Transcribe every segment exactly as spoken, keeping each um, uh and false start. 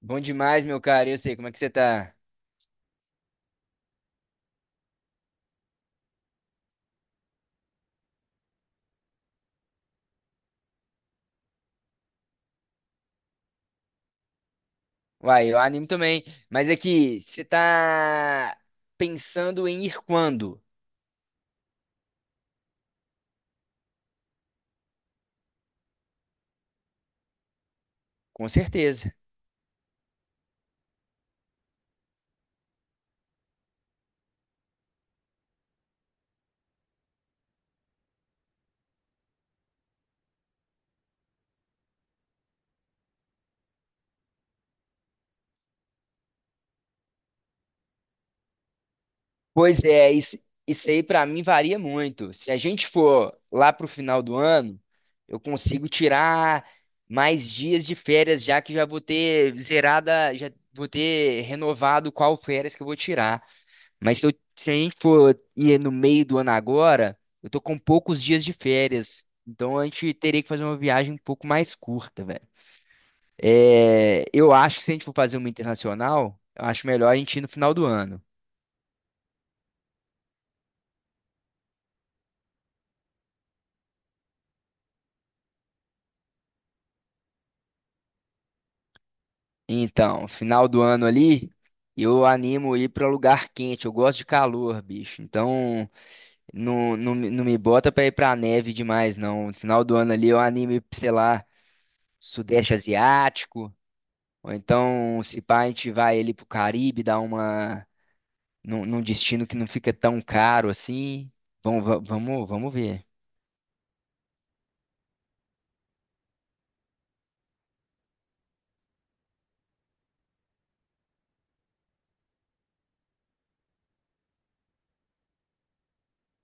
Bom demais, meu cara. Eu sei, como é que você tá? Uai, eu animo também. Mas é que você tá pensando em ir quando? Com certeza. Pois é, isso, isso aí pra mim varia muito. Se a gente for lá pro final do ano, eu consigo tirar mais dias de férias, já que já vou ter zerada, já vou ter renovado qual férias que eu vou tirar. Mas se, eu- se a gente for ir no meio do ano agora, eu tô com poucos dias de férias. Então a gente teria que fazer uma viagem um pouco mais curta, velho. É, eu acho que se a gente for fazer uma internacional, eu acho melhor a gente ir no final do ano. Então, final do ano ali, eu animo ir pra lugar quente. Eu gosto de calor, bicho. Então, não, não, me não me bota pra ir pra neve demais, não. No final do ano ali, eu animo ir, pra, sei lá, Sudeste Asiático. Ou então, se pá, a gente vai ali pro Caribe, dar uma num, num destino que não fica tão caro assim. Vamos, va- vamos, vamos ver.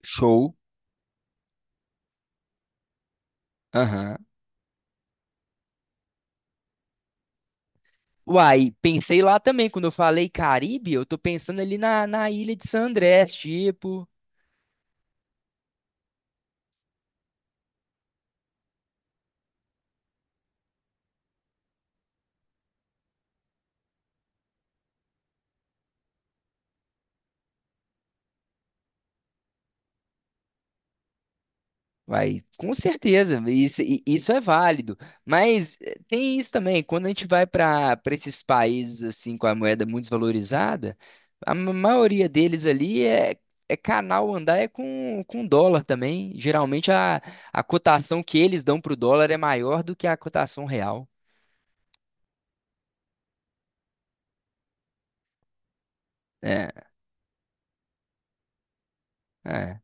Show. Aham. Uai, pensei lá também, quando eu falei Caribe, eu tô pensando ali na, na ilha de San Andrés, tipo. Vai, com certeza, isso, i- isso é válido. Mas eh, tem isso também, quando a gente vai para para esses países assim com a moeda muito desvalorizada, a ma- maioria deles ali é, é canal andar é com, com dólar também. Geralmente a, a cotação que eles dão para o dólar é maior do que a cotação real. É, é.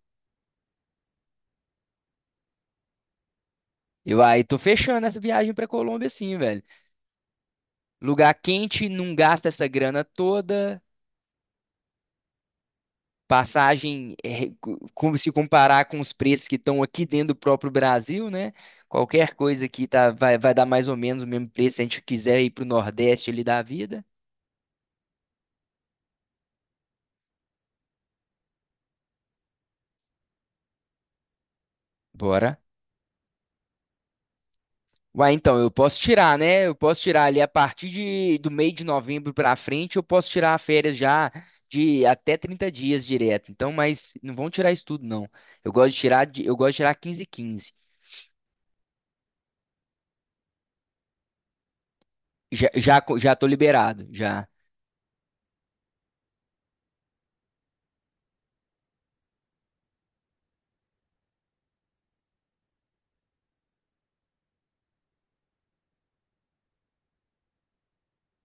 Eu aí tô fechando essa viagem para Colômbia assim, velho. Lugar quente, não gasta essa grana toda. Passagem, é, como se comparar com os preços que estão aqui dentro do próprio Brasil, né? Qualquer coisa aqui tá, vai, vai dar mais ou menos o mesmo preço se a gente quiser ir para o Nordeste ali da vida. Bora. Uai, então, eu posso tirar, né? Eu posso tirar ali a partir de, do meio de novembro pra frente, eu posso tirar férias já de até trinta dias direto. Então, mas não vão tirar isso tudo, não. Eu gosto de tirar, de- eu gosto de tirar quinze e quinze. Já, já, co- já tô liberado, já.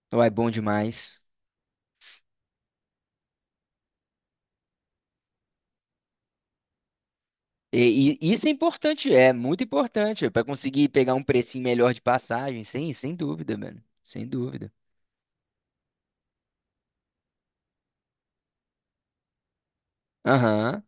Então, é bom demais. E, e isso é importante, é muito importante para conseguir pegar um precinho melhor de passagem, sem, sem dúvida, mano. Sem dúvida. Aham.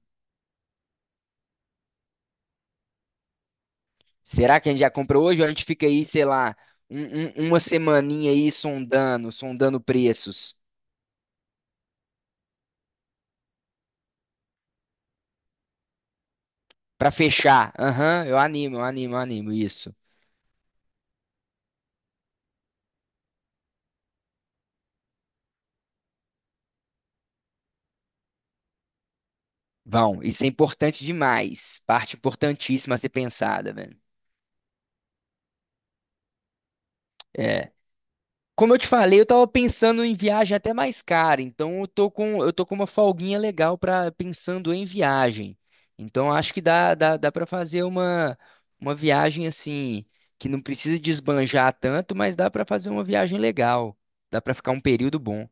Será que a gente já comprou hoje ou a gente fica aí, sei lá, um- um- uma semaninha aí sondando, sondando preços para fechar? Aham, eu animo, eu animo, eu animo isso. Vão, isso é importante demais. Parte importantíssima a ser pensada, velho. É. Como eu te falei, eu tava pensando em viagem até mais cara, então eu tô com, eu tô com uma folguinha legal para pensando em viagem. Então acho que dá, dá, dá para fazer uma, uma viagem assim, que não precisa desbanjar tanto, mas dá para fazer uma viagem legal. Dá para ficar um período bom.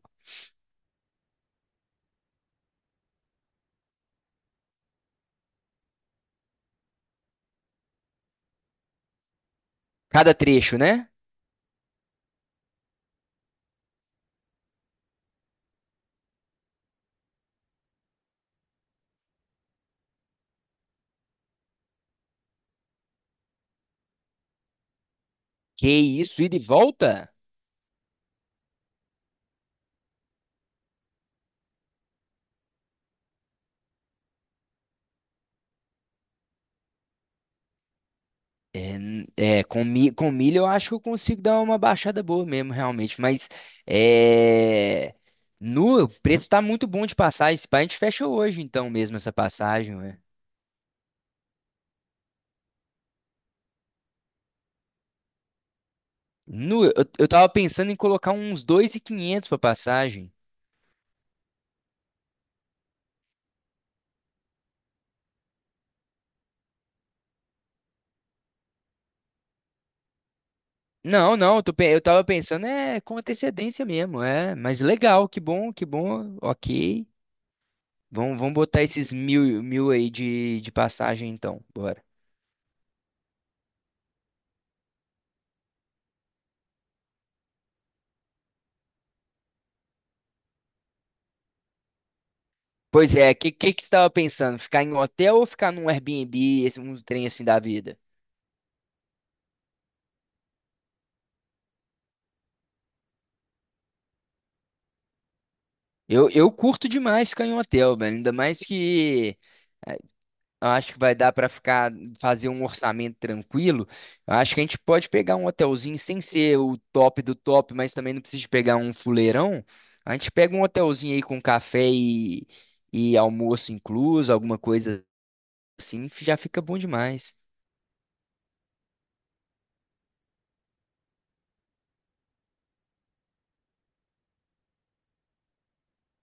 Cada trecho, né? Que isso, ida e volta? É, n- é, com, mi- com milho eu acho que eu consigo dar uma baixada boa mesmo, realmente. Mas é, nu, o preço tá muito bom de passagem. Se pá, a gente fecha hoje, então, mesmo essa passagem. Ué. Nu, eu, eu tava pensando em colocar uns dois mil e quinhentos pra passagem. Não, não, eu, tô pe- eu tava pensando é com antecedência mesmo, é. Mas legal, que bom, que bom, ok. Vamos, vamos botar esses mil, mil aí de, de passagem, então. Bora. Pois é, que que que você estava pensando? Ficar em um hotel ou ficar num Airbnb, esse um trem assim da vida? Eu, eu curto demais ficar em um hotel, velho. Ainda mais que eh, eu acho que vai dar para ficar fazer um orçamento tranquilo. Eu acho que a gente pode pegar um hotelzinho sem ser o top do top, mas também não precisa de pegar um fuleirão. A gente pega um hotelzinho aí com café e, e almoço incluso, alguma coisa assim, já fica bom demais.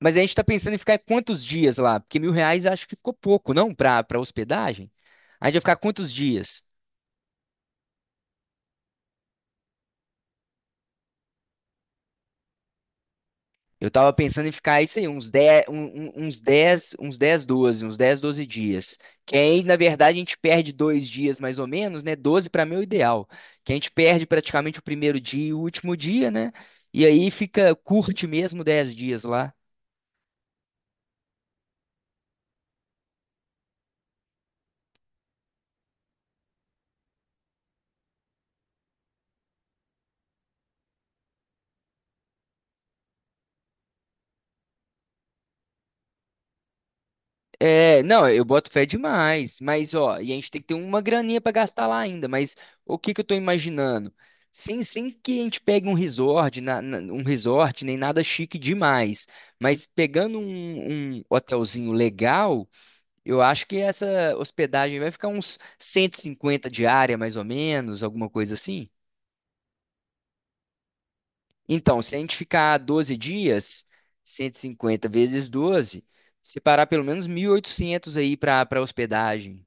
Mas a gente tá pensando em ficar quantos dias lá? Porque mil reais eu acho que ficou pouco, não? Pra, pra hospedagem? A gente vai ficar quantos dias? Eu tava pensando em ficar isso aí, uns dez um- um- uns dez uns dez doze uns dez doze dias. Que aí, na verdade, a gente perde dois dias mais ou menos, né? Doze pra mim é o ideal. Que a gente perde praticamente o primeiro dia e o último dia, né? E aí fica, curte mesmo dez dias lá. É, não, eu boto fé demais, mas ó, e a gente tem que ter uma graninha pra gastar lá ainda, mas o que que eu tô imaginando? Sem, sem que a gente pegue um resort, na- na- um resort, nem nada chique demais, mas pegando um, um hotelzinho legal, eu acho que essa hospedagem vai ficar uns cento e cinquenta diária, mais ou menos, alguma coisa assim. Então, se a gente ficar doze dias, cento e cinquenta vezes doze, separar pelo menos mil e oitocentos aí pra, pra hospedagem.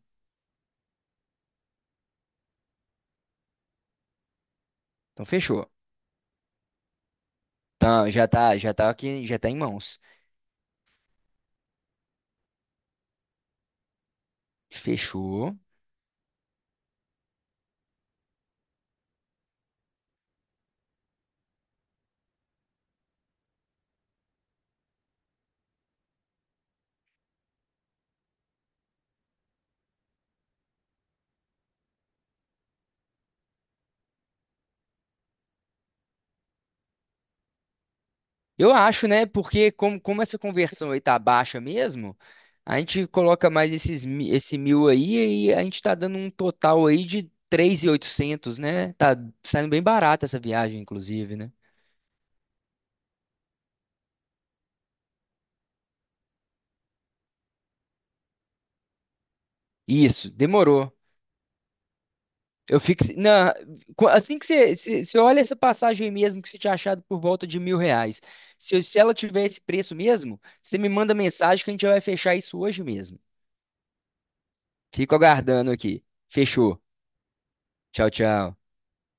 Então fechou. Então já tá, já tá aqui, já tá em mãos. Fechou. Eu acho, né? Porque como, como essa conversão aí tá baixa mesmo, a gente coloca mais esses, mi- esse mil aí e a gente tá dando um total aí de três mil e oitocentos, né? Tá saindo bem barata essa viagem, inclusive, né? Isso, demorou. Eu fico. Na, qu- assim que você, você você olha essa passagem aí mesmo que você tinha achado por volta de mil reais. Se, se ela tiver esse preço mesmo, você me manda mensagem que a gente já vai fechar isso hoje mesmo. Fico aguardando aqui. Fechou. Tchau, tchau.